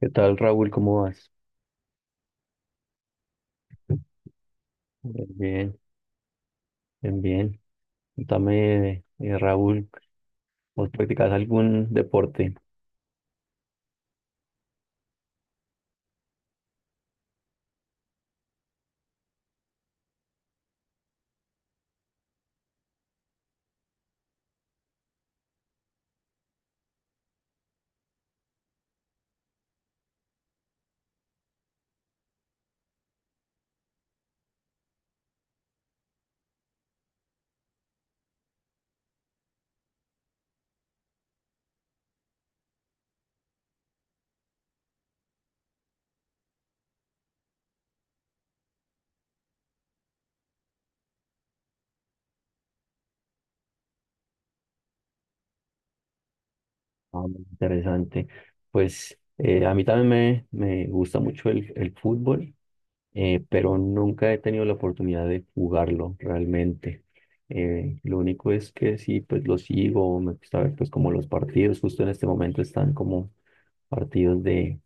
¿Qué tal, Raúl? ¿Cómo vas? Bien, bien, bien. Cuéntame, Raúl, ¿vos practicás algún deporte? Ah, interesante. Pues a mí también me gusta mucho el fútbol, pero nunca he tenido la oportunidad de jugarlo realmente. Lo único es que sí, pues lo sigo, me gusta ver pues como los partidos, justo en este momento están como partidos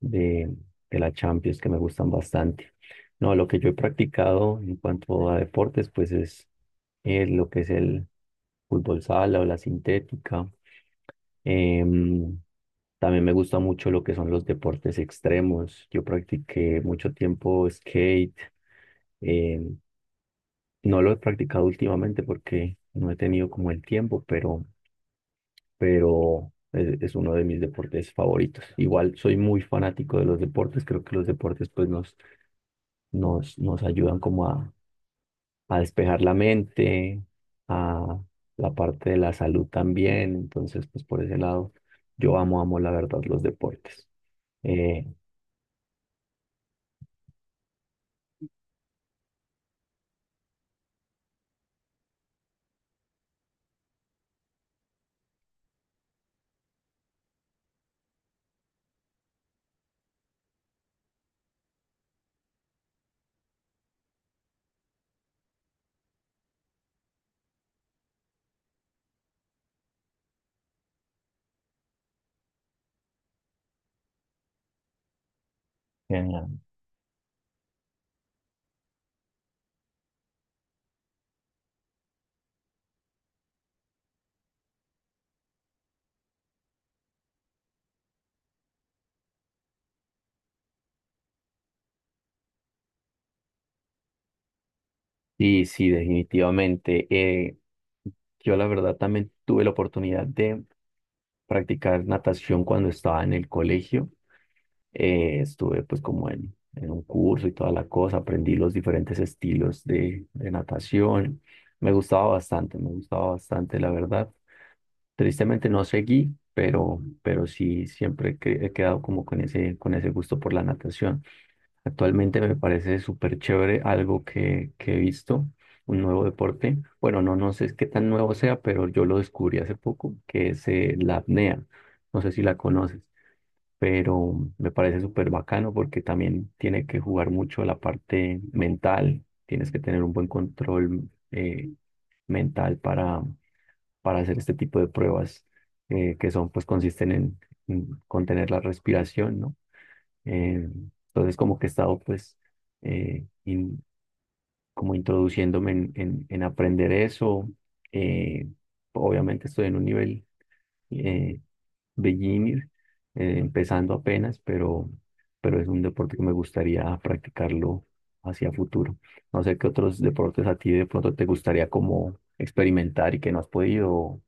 de, de la Champions que me gustan bastante. No, lo que yo he practicado en cuanto a deportes, pues es lo que es el fútbol sala o la sintética. Em, También me gusta mucho lo que son los deportes extremos. Yo practiqué mucho tiempo skate. em, no lo he practicado últimamente porque no he tenido como el tiempo, pero es uno de mis deportes favoritos. Igual soy muy fanático de los deportes. Creo que los deportes pues nos ayudan como a despejar la mente, a la parte de la salud también. Entonces, pues por ese lado, yo amo la verdad los deportes. Eh, Genial. Sí, sí, definitivamente. Yo la verdad también tuve la oportunidad de practicar natación cuando estaba en el colegio. Estuve pues como en un curso y toda la cosa, aprendí los diferentes estilos de natación. Me gustaba bastante, la verdad. Tristemente no seguí, pero sí siempre he quedado como con con ese gusto por la natación. Actualmente me parece súper chévere algo que he visto, un nuevo deporte. Bueno, no sé qué tan nuevo sea, pero yo lo descubrí hace poco, que es la apnea. No sé si la conoces, pero me parece súper bacano porque también tiene que jugar mucho la parte mental. Tienes que tener un buen control mental para hacer este tipo de pruebas que son, pues consisten en contener la respiración, ¿no? Eh, entonces como que he estado pues eh, in- como introduciéndome en aprender eso. Eh, obviamente estoy en un nivel eh, beginner, empezando apenas, pero es un deporte que me gustaría practicarlo hacia futuro. No sé qué otros deportes a ti de pronto te gustaría como experimentar y que no has podido.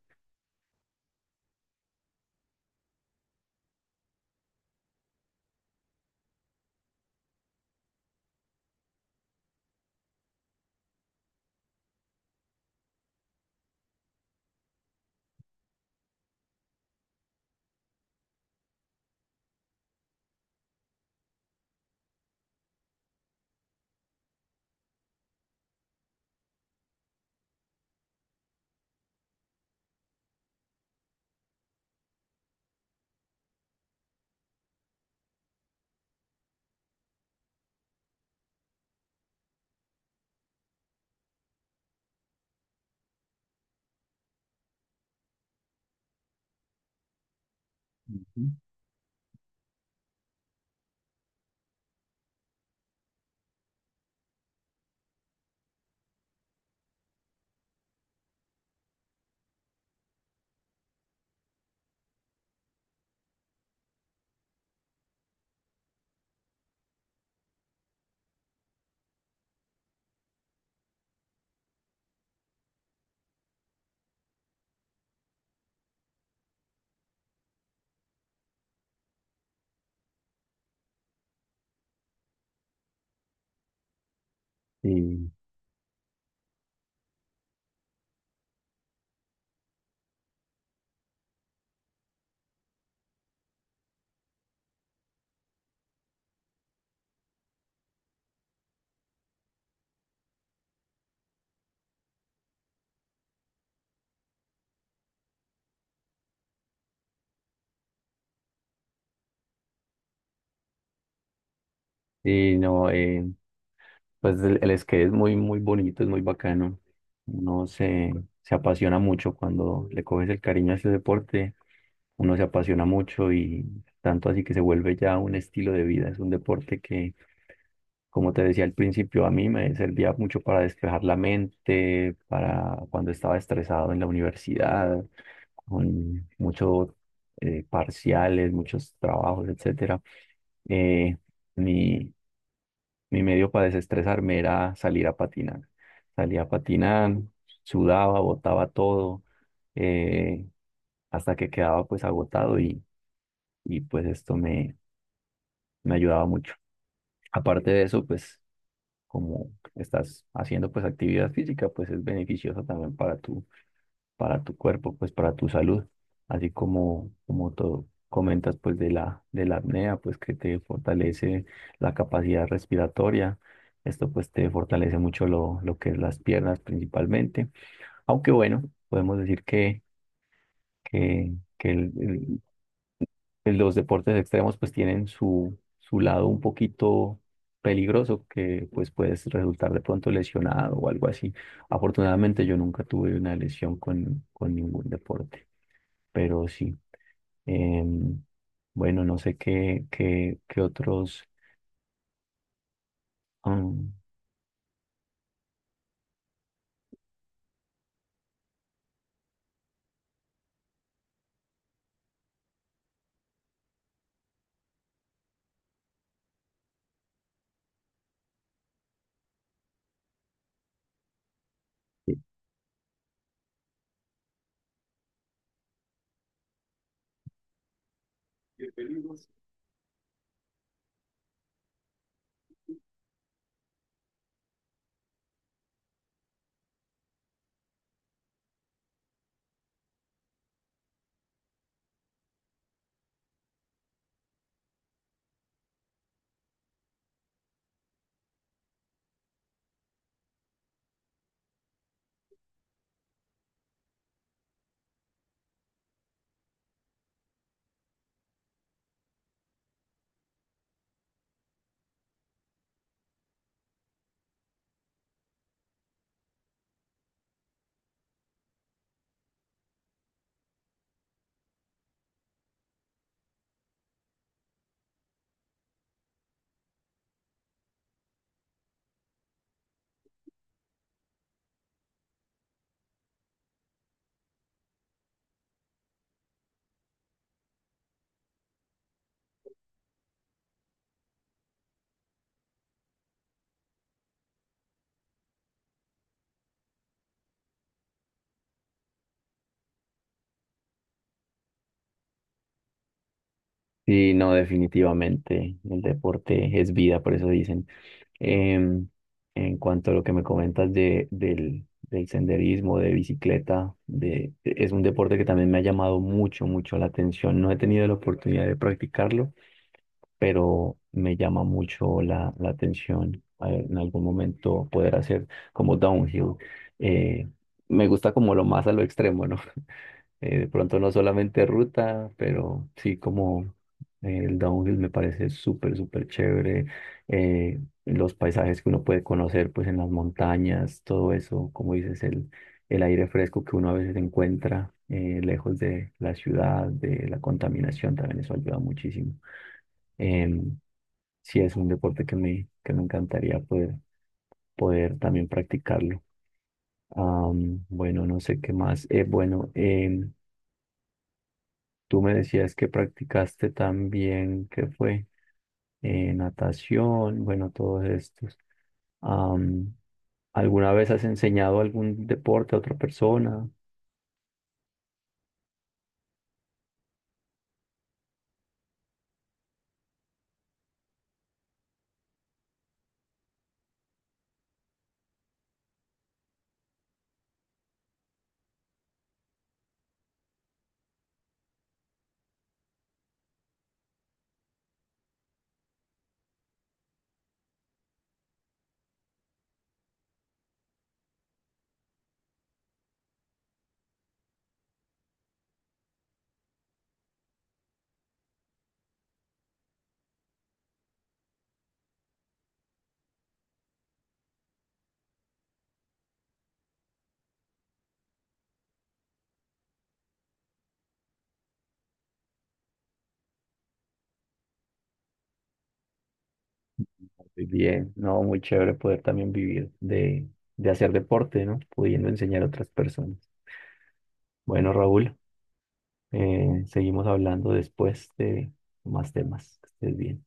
Ujú. Sí. Y no, pues el skate es muy, muy bonito, es muy bacano. Uno se apasiona mucho cuando le coges el cariño a ese deporte. Uno se apasiona mucho y tanto así que se vuelve ya un estilo de vida. Es un deporte que, como te decía al principio, a mí me servía mucho para despejar la mente, para cuando estaba estresado en la universidad, con muchos parciales, muchos trabajos, etcétera. Eh, mi, mi medio para desestresarme era salir a patinar. Salía a patinar, sudaba, botaba todo, eh, hasta que quedaba pues agotado y pues esto me ayudaba mucho. Aparte de eso, pues como estás haciendo pues actividad física, pues es beneficioso también para para tu cuerpo, pues para tu salud, así como, como tú comentas pues de de la apnea, pues que te fortalece la capacidad respiratoria, esto pues te fortalece mucho lo que es las piernas principalmente, aunque bueno, podemos decir que pues, los deportes extremos pues tienen su lado un poquito peligroso que pues puedes resultar de pronto lesionado o algo así. Afortunadamente yo nunca tuve una lesión con ningún deporte, pero sí. Em, bueno, no sé qué otros... Am, sí, no, definitivamente. El deporte es vida, por eso dicen. Em, en cuanto a lo que me comentas del senderismo, de bicicleta, de, es un deporte que también me ha llamado mucho, mucho la atención. No he tenido la oportunidad de practicarlo, pero me llama mucho la atención a ver, en algún momento poder hacer como downhill. Eh, me gusta como lo más a lo extremo, ¿no? De pronto no solamente ruta, pero sí como el downhill me parece súper, súper chévere. Los paisajes que uno puede conocer pues en las montañas, todo eso, como dices, el aire fresco que uno a veces encuentra lejos de la ciudad, de la contaminación, también eso ayuda muchísimo. Em, sí, es un deporte que me encantaría poder también practicarlo. Am, bueno, no sé qué más. Bueno, tú me decías que practicaste también, ¿qué fue? Natación, bueno, todos estos. Am, ¿alguna vez has enseñado algún deporte a otra persona? Muy bien, no, muy chévere poder también vivir de hacer deporte, ¿no? Pudiendo enseñar a otras personas. Bueno, Raúl, seguimos hablando después de más temas. Que estés bien.